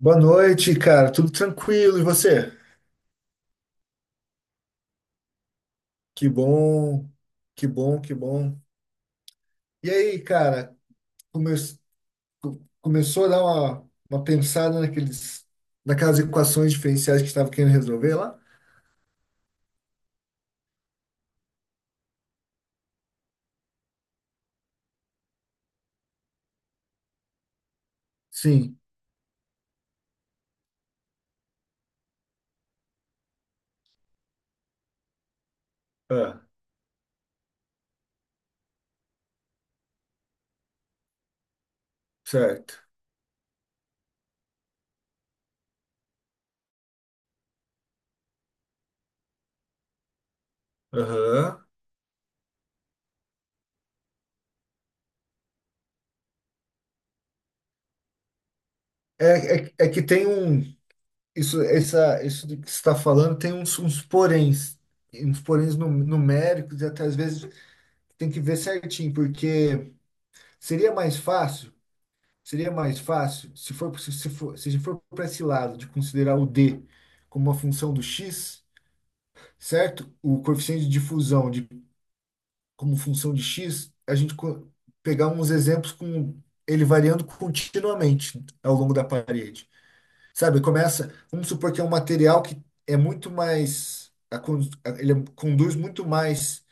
Boa noite, cara. Tudo tranquilo? E você? Que bom, que bom, que bom. E aí, cara, come- começou a dar uma pensada naquelas equações diferenciais que estava querendo resolver lá? Sim. Ah, certo. Aham. É, é que tem um. Isso do que você está falando tem uns poréns numéricos, e até às vezes tem que ver certinho, porque seria mais fácil. Seria mais fácil se for para esse lado de considerar o d como uma função do x, certo? O coeficiente de difusão de, como função de x, pegar uns exemplos com ele variando continuamente ao longo da parede. Sabe, começa, vamos supor que é um material que é muito mais, a con- a- ele é- conduz muito mais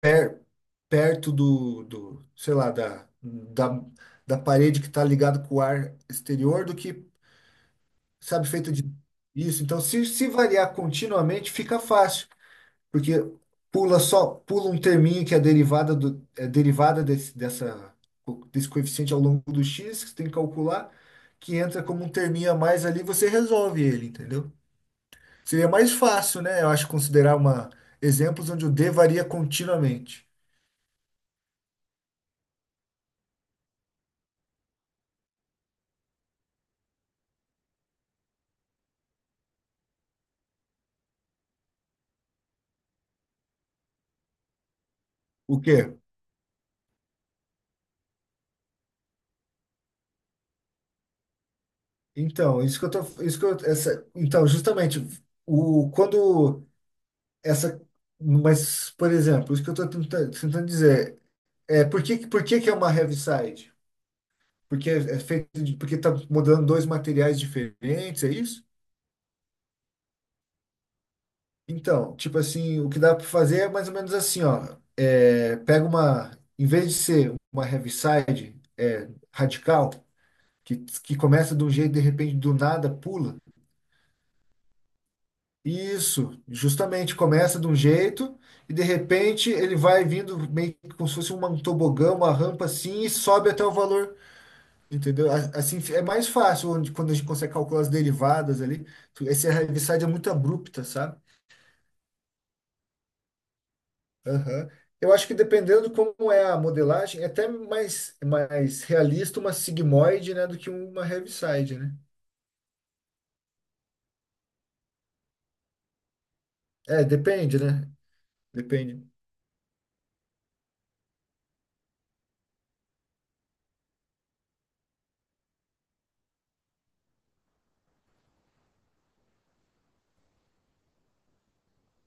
per- perto do sei lá, da parede que está ligado com o ar exterior do que sabe, feito de isso. Então, se variar continuamente, fica fácil, porque pula só, pula um terminho que é derivada do, é desse coeficiente ao longo do x, que você tem que calcular, que entra como um terminho a mais ali, você resolve ele, entendeu? Seria mais fácil, né? Eu acho considerar uma exemplos onde o d varia continuamente. O quê? Então, isso que eu tô, isso que eu, essa, então, justamente o quando essa, mas, por exemplo, isso que eu estou tentando dizer, é, por que que é uma heavy side. Porque é feito de, porque tá mudando dois materiais diferentes, é isso? Então, tipo assim, o que dá para fazer é mais ou menos assim, ó, é, pega uma, em vez de ser uma heaviside é, radical, que começa de um jeito, de repente, do nada, pula. Isso, justamente começa de um jeito e de repente ele vai vindo meio que como se fosse um tobogã, uma rampa assim e sobe até o valor, entendeu? Assim é mais fácil onde, quando a gente consegue calcular as derivadas ali. Essa heaviside é muito abrupta, sabe? Aham. Eu acho que dependendo de como é a modelagem, é até mais, mais realista uma sigmoide, né, do que uma heaviside, né? É, depende, né? Depende.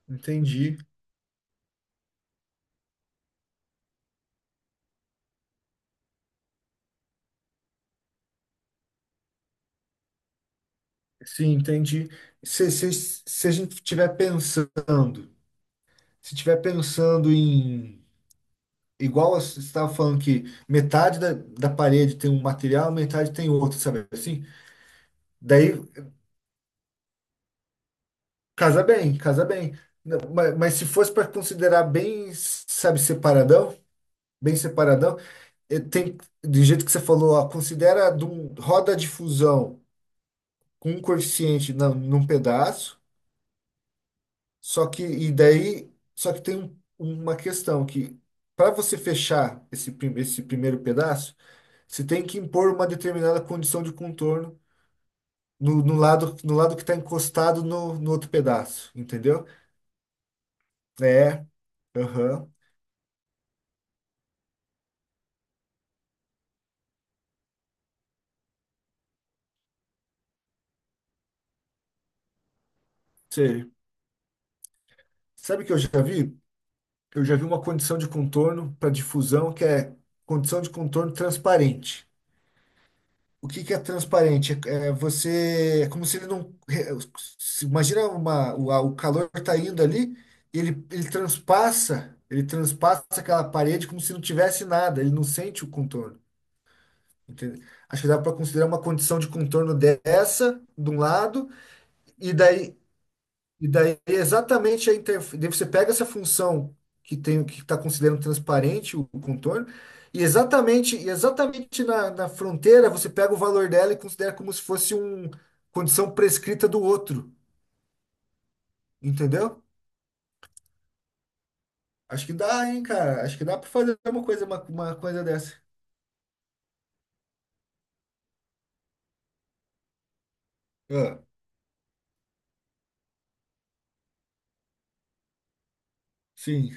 Entendi. Sim, entendi. Se a gente estiver pensando, se estiver pensando em, igual você estava falando que metade da parede tem um material, metade tem outro, sabe assim? Daí casa bem, casa bem. Não, mas se fosse para considerar bem, sabe, separadão, bem separadão, eh, tem, do jeito que você falou, ó, roda de fusão com um coeficiente num pedaço. Só que, e daí, só que tem uma questão que, para você fechar esse, esse primeiro pedaço, você tem que impor uma determinada condição de contorno no lado, no lado que está encostado no outro pedaço, entendeu? É, aham, sei. Sabe o que eu já vi? Eu já vi uma condição de contorno para difusão que é condição de contorno transparente. O que que é transparente? É você, é como se ele não, é, imagina o calor está indo ali, ele transpassa aquela parede como se não tivesse nada, ele não sente o contorno. Entende? Acho que dá para considerar uma condição de contorno dessa, de um lado, e daí e daí é exatamente a interface. Você pega essa função que tem que está considerando transparente o contorno, e exatamente na fronteira você pega o valor dela e considera como se fosse uma condição prescrita do outro. Entendeu? Acho que dá, hein, cara? Acho que dá para fazer uma coisa, uma coisa dessa. Ah, sim,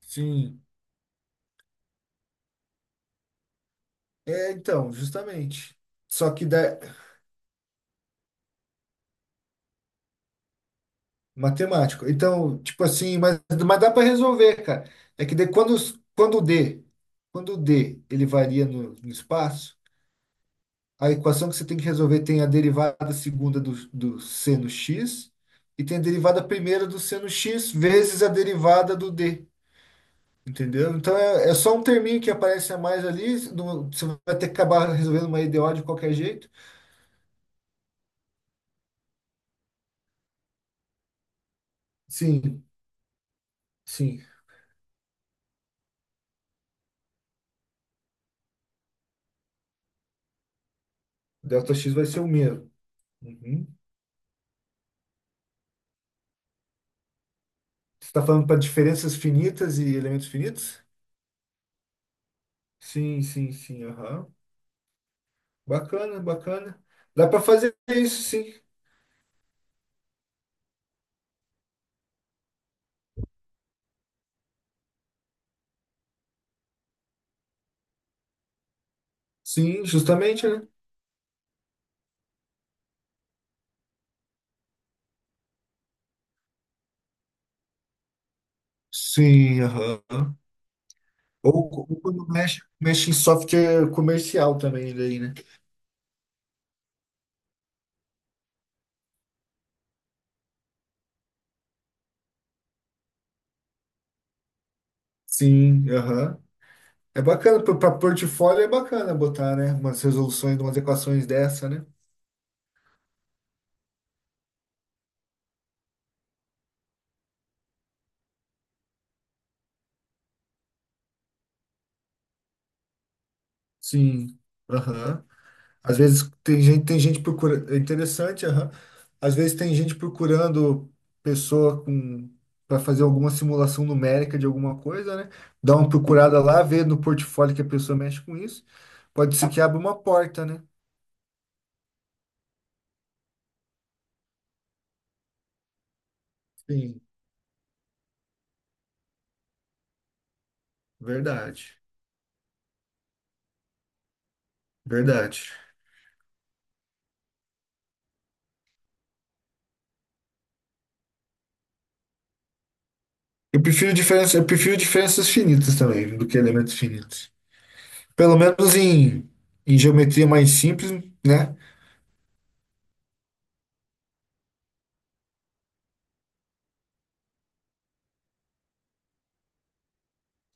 sim. É, então, justamente. Só que dá, matemático. Então, tipo assim, mas dá para resolver, cara. É que de, quando, quando o D ele varia no espaço, a equação que você tem que resolver tem a derivada segunda do C no x e tem a derivada primeira do C no x vezes a derivada do D. Entendeu? Então é, é só um terminho que aparece a mais ali. Você vai ter que acabar resolvendo uma EDO de qualquer jeito. Sim, sim. Delta x vai ser o mesmo. Uhum. Você está falando para diferenças finitas e elementos finitos? Sim, sim, sim. Aham. Bacana, bacana. Dá para fazer isso, sim. Sim, justamente, né? Sim, aham. Ou quando mexe, mexe em software comercial também, daí, né? Sim, aham. É bacana, para portfólio é bacana botar, né? Umas resoluções, umas equações dessa, né? Sim, aham. Às vezes tem gente procurando. É interessante, aham. Às vezes tem gente procurando pessoa com para fazer alguma simulação numérica de alguma coisa, né? Dá uma procurada lá, vê no portfólio que a pessoa mexe com isso. Pode ser que abra uma porta, né? Sim, verdade. Verdade. Eu prefiro diferença, eu prefiro diferenças finitas também do que elementos finitos. Pelo menos em, em geometria mais simples, né?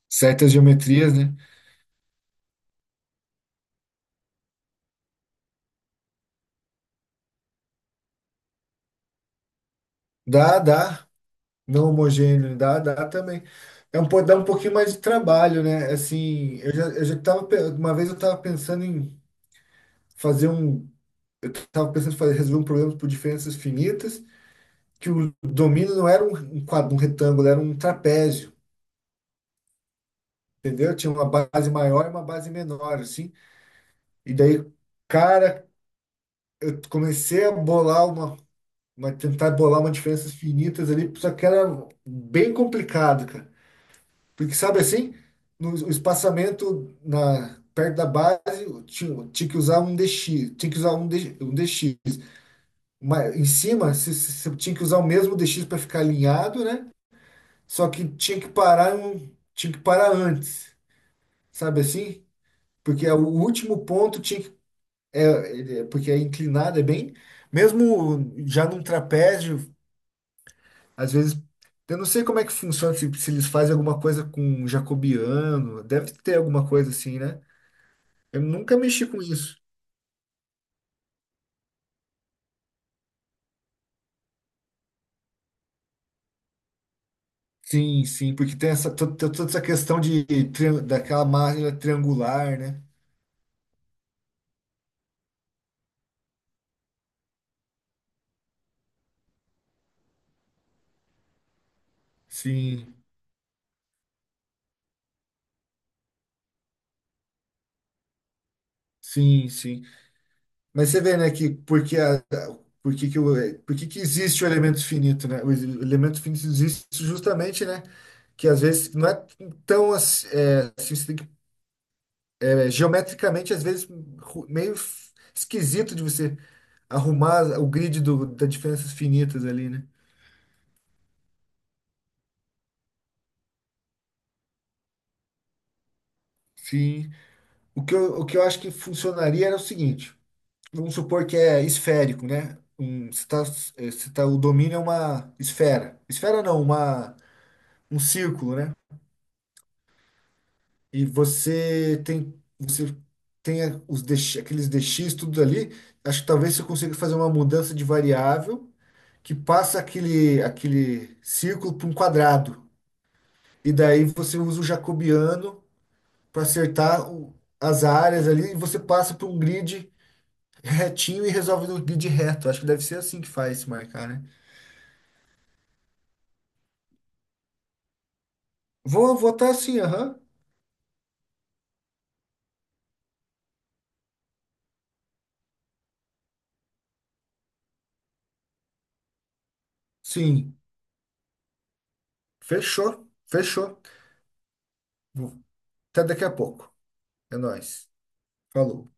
Certas geometrias, né? Dá, dá. Não homogêneo, dá, dá também. Dá um pouquinho mais de trabalho, né? Assim, eu já tava, uma vez eu estava pensando em fazer um, tava pensando em fazer, resolver um problema por diferenças finitas, que o domínio não era um quadro, um retângulo, era um trapézio, entendeu? Tinha uma base maior e uma base menor, assim. E daí, cara, eu comecei a bolar uma tentar bolar uma diferenças finitas ali, só que era bem complicado, cara. Porque sabe assim, no o espaçamento na perto da base, tinha que usar um DX, tinha que usar um DX. Mas em cima, você tinha que usar o mesmo DX para ficar alinhado, né? Só que tinha que parar, tinha que parar antes, sabe assim? Porque é o último ponto tinha que, porque é inclinado, é bem, mesmo já num trapézio, às vezes eu não sei como é que funciona, se eles fazem alguma coisa com um jacobiano, deve ter alguma coisa assim, né? Eu nunca mexi com isso. Sim, sim, porque tem essa, toda essa questão de, daquela máquina triangular, né? Sim, sim, sim. Mas você vê, né, porque que o, porque que existe o elemento finito, né? O elemento finito existe justamente, né? Que às vezes não é tão assim, é, assim, é, geometricamente, às vezes, esquisito de você arrumar o grid do, das diferenças finitas ali, né? Sim. O que eu acho que funcionaria era o seguinte: vamos supor que é esférico, né? Se tá, o domínio é uma esfera. Esfera não, uma, um círculo, né? Você tem os DX, aqueles DX tudo ali. Acho que talvez você consiga fazer uma mudança de variável que passa aquele, aquele círculo para um quadrado. E daí você usa o jacobiano para acertar as áreas ali e você passa para um grid retinho e resolve no grid reto. Acho que deve ser assim que faz se marcar, né? Vou votar assim, aham. Sim. Fechou. Fechou. Até daqui a pouco. É nóis. Falou.